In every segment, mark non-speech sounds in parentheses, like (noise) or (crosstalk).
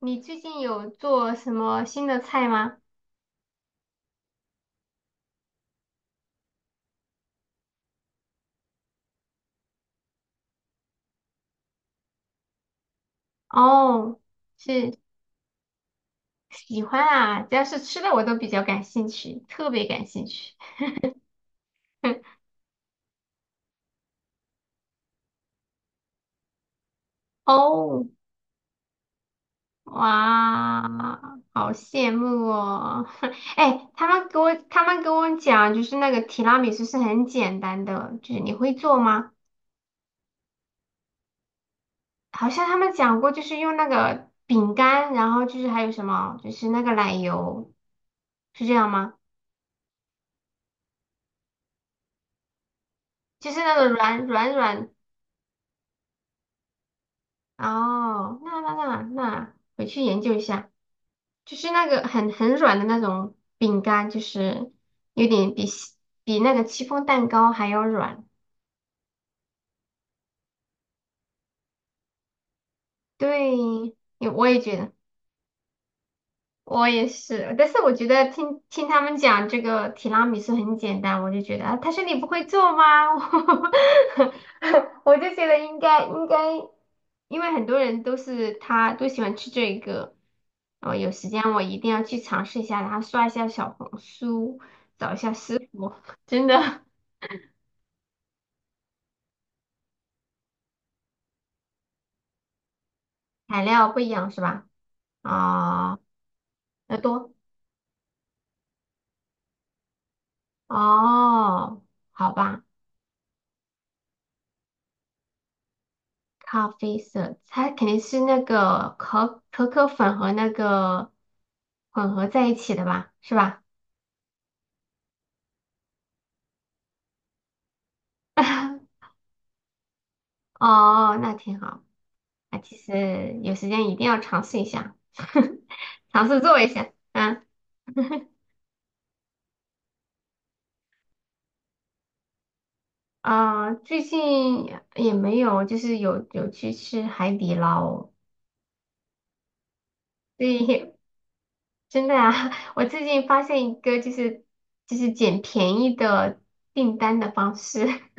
你最近有做什么新的菜吗？哦，是。喜欢啊，只要是吃的我都比较感兴趣，特别感兴趣。哦，哇，好羡慕哦！(laughs) 哎，他们给我讲，就是那个提拉米苏是很简单的，就是你会做吗？好像他们讲过，就是用那个饼干，然后就是还有什么，就是那个奶油，是这样吗？就是那个软软。哦，那回去研究一下，就是那个很软的那种饼干，就是有点比那个戚风蛋糕还要软。对，也觉得。我也是，但是我觉得听听他们讲这个提拉米苏很简单，我就觉得啊，他说你不会做吗？(laughs) 我就觉得应该，因为很多人他都喜欢吃这个，哦，有时间我一定要去尝试一下，然后刷一下小红书，我真的材料不一样是吧？啊、要多哦，好吧。咖啡色，它肯定是那个可可粉和那个混合在一起的吧，是吧？(laughs) 哦，那挺好。啊，其实有时间一定要尝试一下，(laughs) 尝试做一下。嗯，(laughs) 啊，最近也没有，就是有去吃海底捞，对，(laughs) 真的啊，(laughs) 我最近发现一个就是捡便宜的订单的方式。(laughs)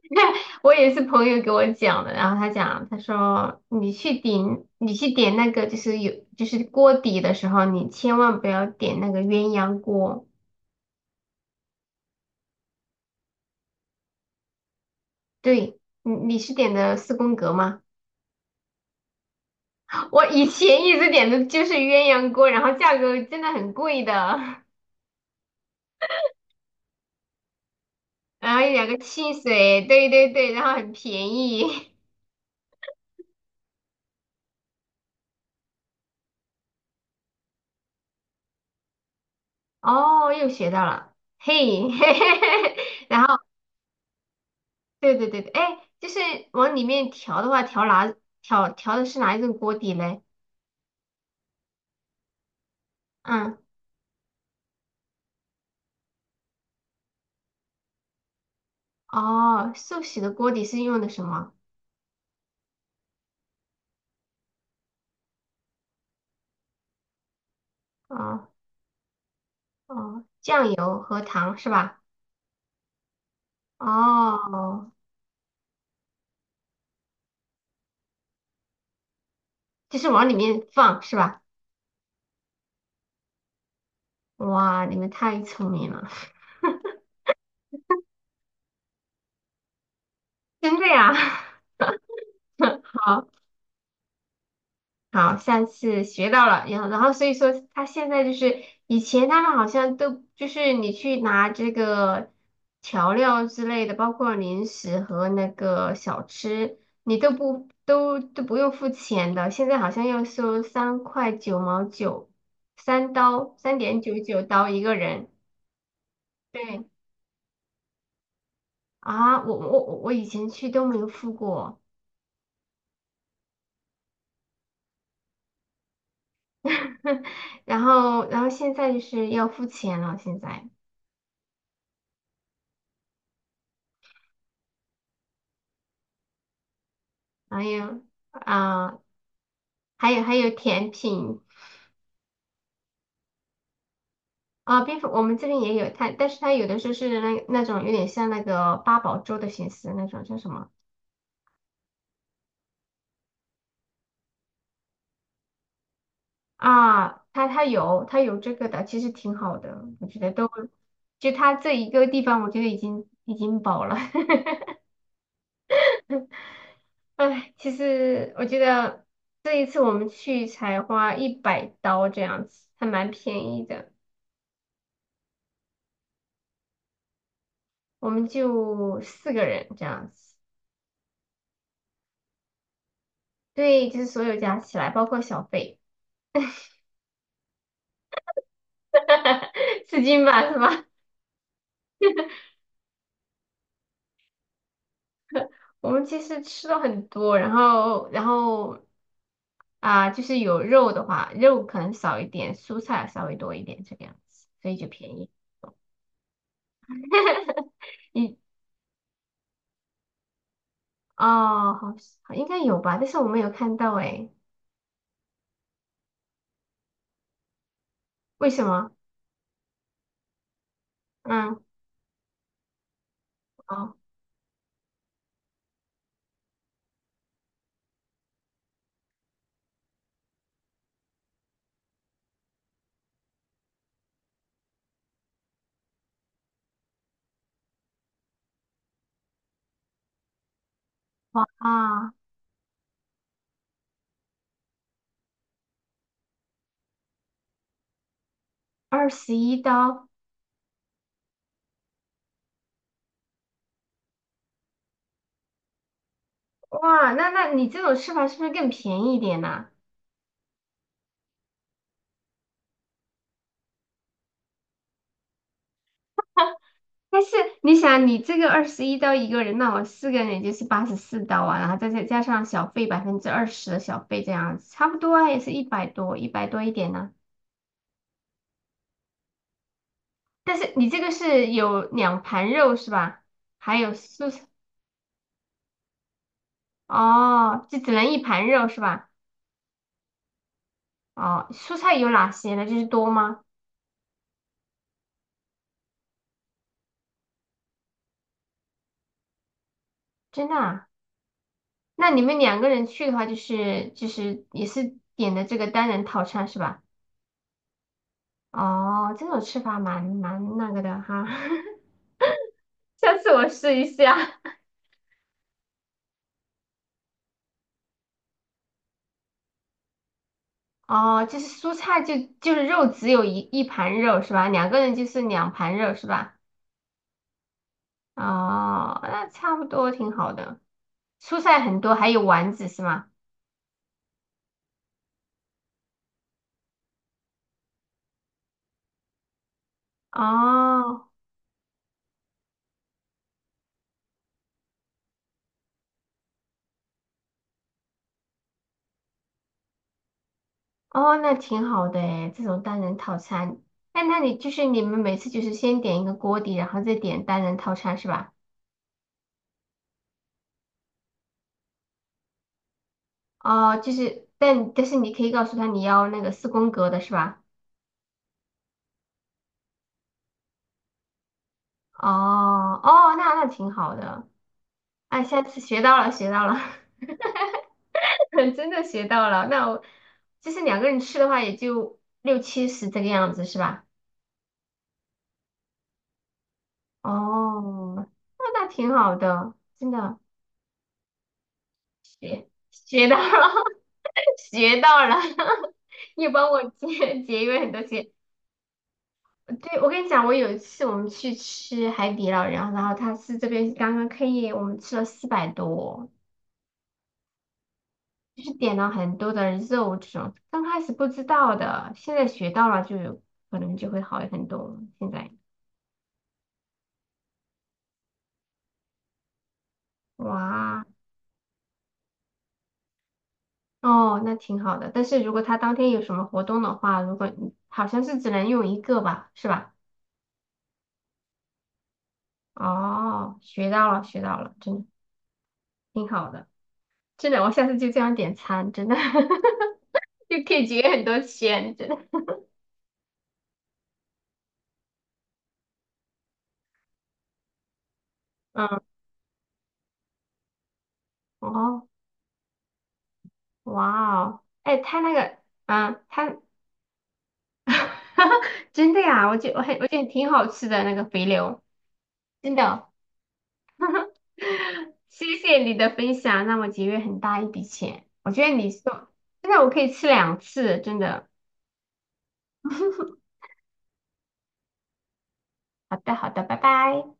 (laughs) 我也是朋友给我讲的，然后他讲，他说你去点那个就是有就是锅底的时候，你千万不要点那个鸳鸯锅。对，你是点的四宫格吗？(laughs) 我以前一直点的就是鸳鸯锅，然后价格真的很贵的，(laughs) 然后有两个汽水，对对对，然后很便宜。(laughs) 哦，又学到了，嘿，(laughs) 然后。对对对对，哎，就是往里面调的话，调的是哪一种锅底嘞？嗯，哦，寿喜的锅底是用的什么？哦哦，酱油和糖是吧？哦，就是往里面放是吧？哇，你们太聪明了，(laughs) 真的呀！(laughs) 好，下次学到了，然后所以说他现在就是以前他们好像都就是你去拿这个调料之类的，包括零食和那个小吃，你都不用付钱的，现在好像要收3.99块，3刀3.99刀一个人。对啊，我以前去都没有付过，(laughs) 然后现在就是要付钱了，现在，哎呀。啊、还有甜品啊，冰粉我们这边也有它，但是它有的时候是那种有点像那个八宝粥的形式，那种叫什么啊？它有这个的，其实挺好的，我觉得都就它这一个地方，我觉得已经饱了。(laughs) 唉，其实我觉得这一次我们去才花100刀这样子，还蛮便宜的。我们就四个人这样子，对，就是所有加起来，包括小费，(laughs) 4斤吧，是吧？我们其实吃了很多，然后啊、就是有肉的话，肉可能少一点，蔬菜稍微多一点这个样子，所以就便宜。(laughs) 你哦，好像应该有吧，但是我没有看到诶，为什么？嗯，哦，哇，二十一刀，哇，那你这种吃法是不是更便宜一点呢、但是你想，你这个二十一刀一个人，那我四个人也就是84刀啊，然后再加上小费20%的小费这样子，差不多啊，也是一百多，一百多一点呢、但是你这个是有两盘肉是吧？还有素菜哦，就只能一盘肉是吧？哦，蔬菜有哪些呢？就是多吗？真的啊？那你们两个人去的话，就是也是点的这个单人套餐是吧？哦，这种吃法蛮那个的哈。(laughs) 下次我试一下。哦，就是蔬菜就是肉只有一盘肉是吧？两个人就是两盘肉是吧？哦，那差不多挺好的。蔬菜很多，还有丸子是吗？哦哦，那挺好的诶，这种单人套餐。那你就是你们每次就是先点一个锅底，然后再点单人套餐是吧？哦，就是但是你可以告诉他你要那个四宫格的是吧？哦哦，那挺好的。哎，下次学到了，学到了。(laughs) (laughs) 真的学到了。那我就是两个人吃的话，也就六七十这个样子，是吧？哦，那挺好的，真的学到了，(laughs) 学到了，(laughs) 又帮我节约很多钱。对，我跟你讲，我有一次我们去吃海底捞，然后他是这边刚刚开业，我们吃了400多，就是点了很多的肉这种，刚开始不知道的，现在学到了就有可能就会好很多。现在哇。哦，那挺好的。但是如果他当天有什么活动的话，如果你好像是只能用一个吧，是吧？哦，学到了，学到了，真的挺好的。真的，我下次就这样点餐，真的 (laughs) 就可以节约很多钱，真的。嗯，哦，哇哦，哎，他那个，啊，他 (laughs) 真的呀，我觉得挺好吃的那个肥牛，真的。(laughs) 谢谢你的分享，让我节约很大一笔钱。我觉得你说，真的我可以吃2次，真的。好的，好的，拜拜。